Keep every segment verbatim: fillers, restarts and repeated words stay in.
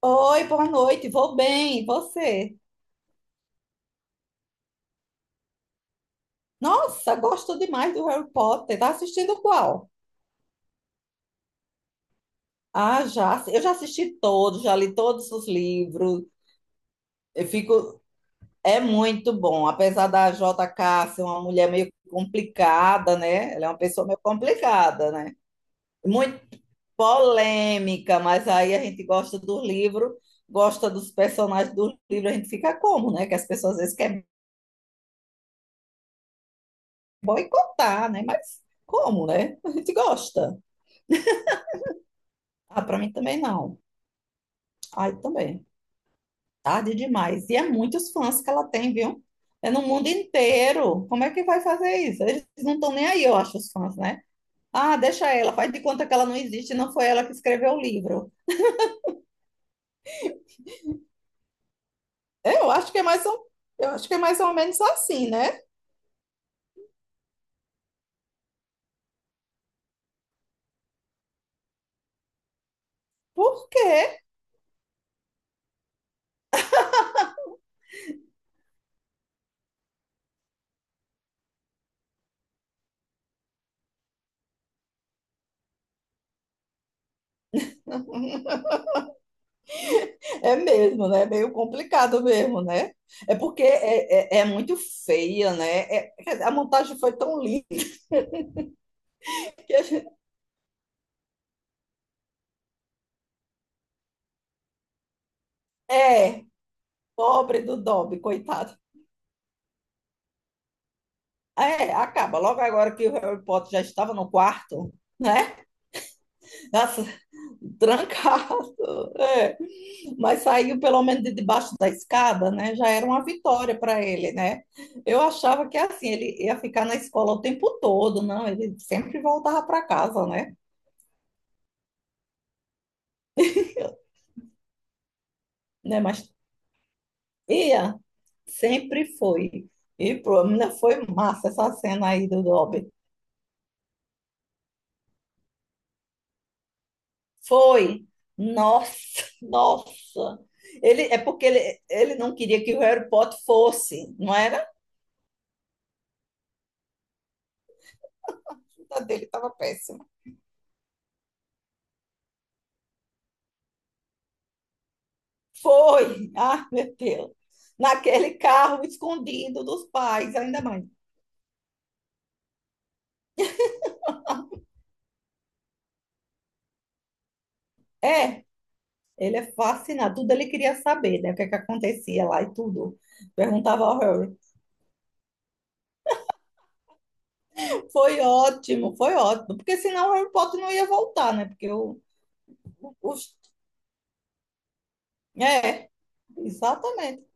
Oi, boa noite. Vou bem, e você? Nossa, gosto demais do Harry Potter. Tá assistindo qual? Ah, já. Eu já assisti todos, já li todos os livros. Eu fico. É muito bom. Apesar da jota ká ser uma mulher meio complicada, né? Ela é uma pessoa meio complicada, né? Muito polêmica, mas aí a gente gosta do livro, gosta dos personagens do livro. A gente fica como, né? Que as pessoas às vezes querem boicotar, né? Mas como, né? A gente gosta. Ah, pra mim também não. Ai, também. Tarde demais. E é muitos fãs que ela tem, viu? É no mundo inteiro. Como é que vai fazer isso? Eles não estão nem aí, eu acho, os fãs, né? Ah, deixa ela, faz de conta que ela não existe, não foi ela que escreveu o livro. Eu acho que é mais ou, eu acho que é mais ou menos assim, né? Por quê? É mesmo, né? É meio complicado mesmo, né? É porque é, é, é muito feia, né? É- a montagem foi tão linda. É, pobre do Dobby, coitado. É, acaba. Logo agora que o Harry Potter já estava no quarto, né? Nossa, trancado. É. Mas saiu pelo menos de debaixo da escada, né? Já era uma vitória para ele, né? Eu achava que assim, ele ia ficar na escola o tempo todo, não? Ele sempre voltava para casa, né? Né? Mas ia, sempre foi. E pô, menina, foi massa essa cena aí do Dobby. Foi. Nossa, nossa. Ele, é porque ele, ele não queria que o Harry Potter fosse, não era? A vida dele estava péssima. Foi. Ah, meu Deus. Naquele carro escondido dos pais, ainda mais. É, ele é fascinado. Tudo ele queria saber, né? O que é que acontecia lá e tudo. Perguntava ao Harry. Foi ótimo, foi ótimo. Porque senão o Harry Potter não ia voltar, né? Porque o, os, é, exatamente.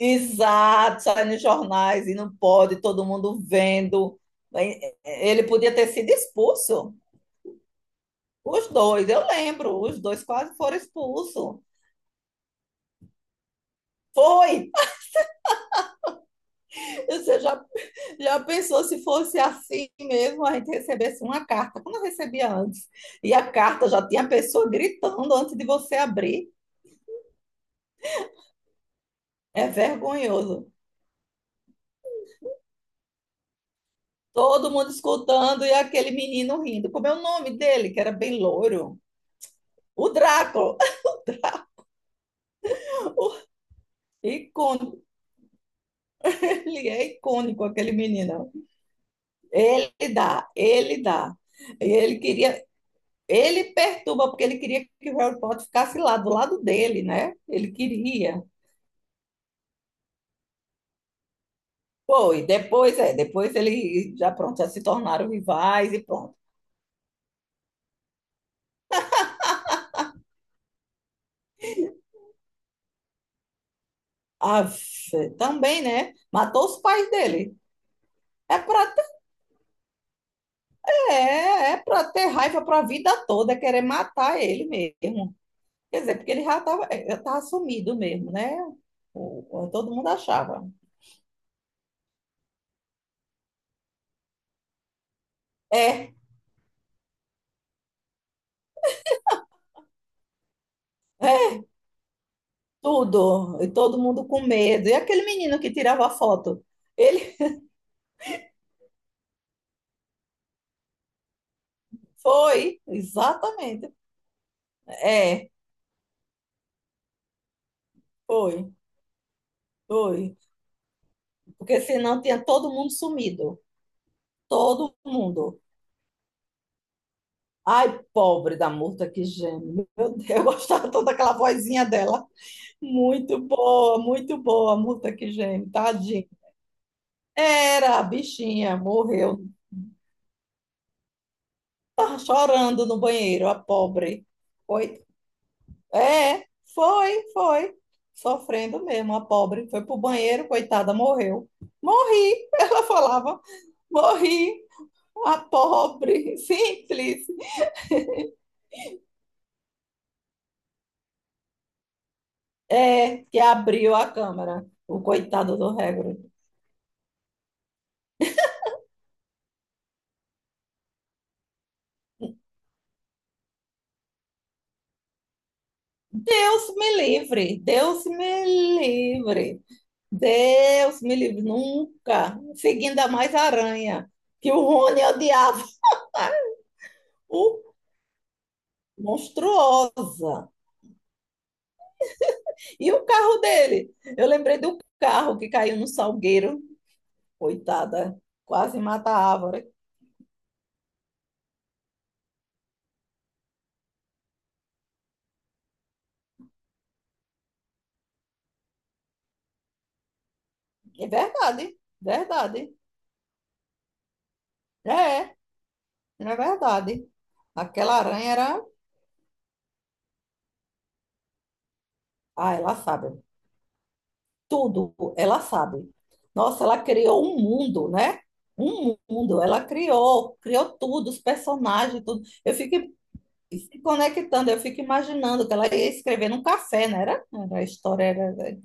Exato, sai nos jornais e não pode, todo mundo vendo. Eh, Ele podia ter sido expulso, os dois, eu lembro, os dois quase foram expulsos. Foi! Você já, já pensou se fosse assim mesmo, a gente recebesse uma carta, como eu recebia antes, e a carta já tinha a pessoa gritando antes de você abrir. É vergonhoso. Todo mundo escutando e aquele menino rindo. Como é o nome dele, que era bem louro? O Drácula. Icônico. Ele é icônico, aquele menino. Ele dá, ele dá. E ele queria, ele perturba, porque ele queria que o Harry Potter ficasse lá, do lado dele, né? Ele queria. Foi, depois, é, depois ele já pronto, já se tornaram rivais e pronto. Ah, também, né? Matou os pais dele. É para ter, é, é para ter raiva para a vida toda, é querer matar ele mesmo. Quer dizer, porque ele já estava, já tava sumido mesmo, né? O- o- Todo mundo achava. É, é, Tudo, e todo mundo com medo. E aquele menino que tirava a foto? Ele foi, exatamente. É, foi, foi. Porque senão tinha todo mundo sumido. Todo mundo. Ai, pobre da Murta, que gênio. Meu Deus, eu gostava toda aquela vozinha dela. Muito boa, muito boa, Murta, que gênio. Tadinha. Era, a bichinha, morreu. Tava chorando no banheiro, a pobre. É, foi, foi. Sofrendo mesmo, a pobre. Foi pro banheiro, coitada, morreu. Morri, ela falava, morri, a pobre, simples. É, que abriu a câmara, o coitado do Hagrid. Deus me livre, Deus me livre, Deus me livre, nunca. Seguindo a mais aranha, que o Rony odiava. O monstruosa. E o carro dele? Eu lembrei do carro que caiu no salgueiro. Coitada, quase mata a árvore. É verdade, verdade. É, é é verdade. Aquela aranha era. Ah, ela sabe. Tudo ela sabe. Nossa, ela criou um mundo, né? Um mundo. Ela criou, criou tudo, os personagens, tudo. Eu fico se conectando, eu fico imaginando que ela ia escrever num café, né era? Era A história era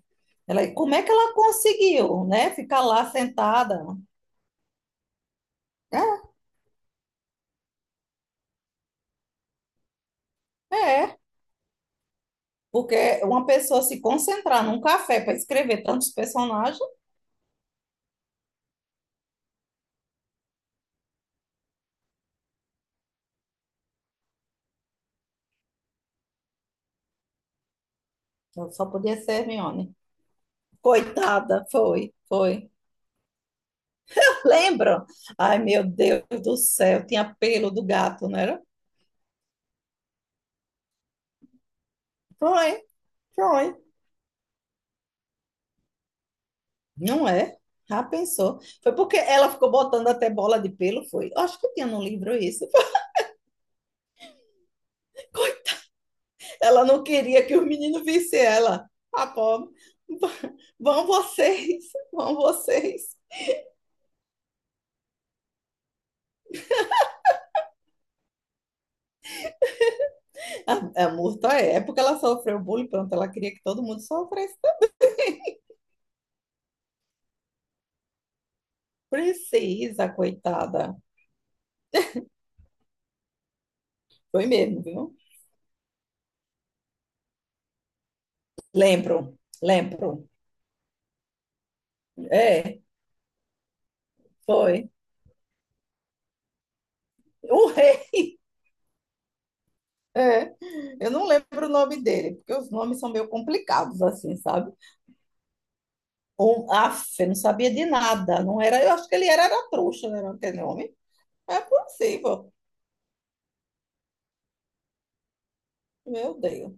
Ela, como é que ela conseguiu, né? Ficar lá sentada. É, é, porque uma pessoa se concentrar num café para escrever tantos personagens, eu só podia ser Hermione. Coitada, foi, foi. Lembram? Ai, meu Deus do céu, tinha pelo do gato, não era? Foi, foi. Não é? Já pensou? Foi porque ela ficou botando até bola de pelo, foi. Eu acho que tinha no livro isso. Ela não queria que os meninos vissem ela. A pobre. Vão vocês, vão vocês. A, a Murta é, porque ela sofreu bullying, pronto, ela queria que todo mundo sofresse. Precisa, coitada. Foi mesmo, viu? Lembro, lembro. É, foi. O rei, é. Eu não lembro o nome dele, porque os nomes são meio complicados, assim, sabe? Um, af, eu não sabia de nada. Não era, eu acho que ele era, era trouxa, né? Não era aquele nome. É possível. Meu Deus.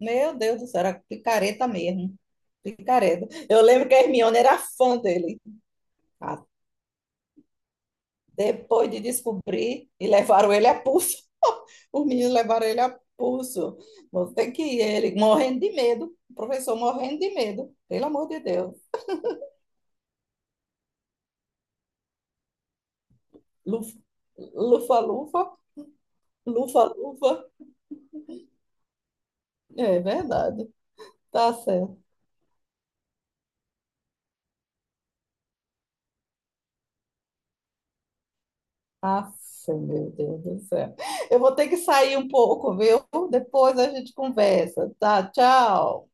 Meu Deus do céu, era picareta mesmo. Picareta. Eu lembro que a Hermione era fã dele. Ah, depois de descobrir, e levaram ele a pulso. Os meninos levaram ele a pulso. Você que ir, ele, morrendo de medo. O professor morrendo de medo. Pelo amor de Deus. Lufa, lufa, lufa, lufa, lufa. É verdade. Tá certo. Ah, meu Deus do céu. Eu vou ter que sair um pouco, viu? Depois a gente conversa, tá? Tchau.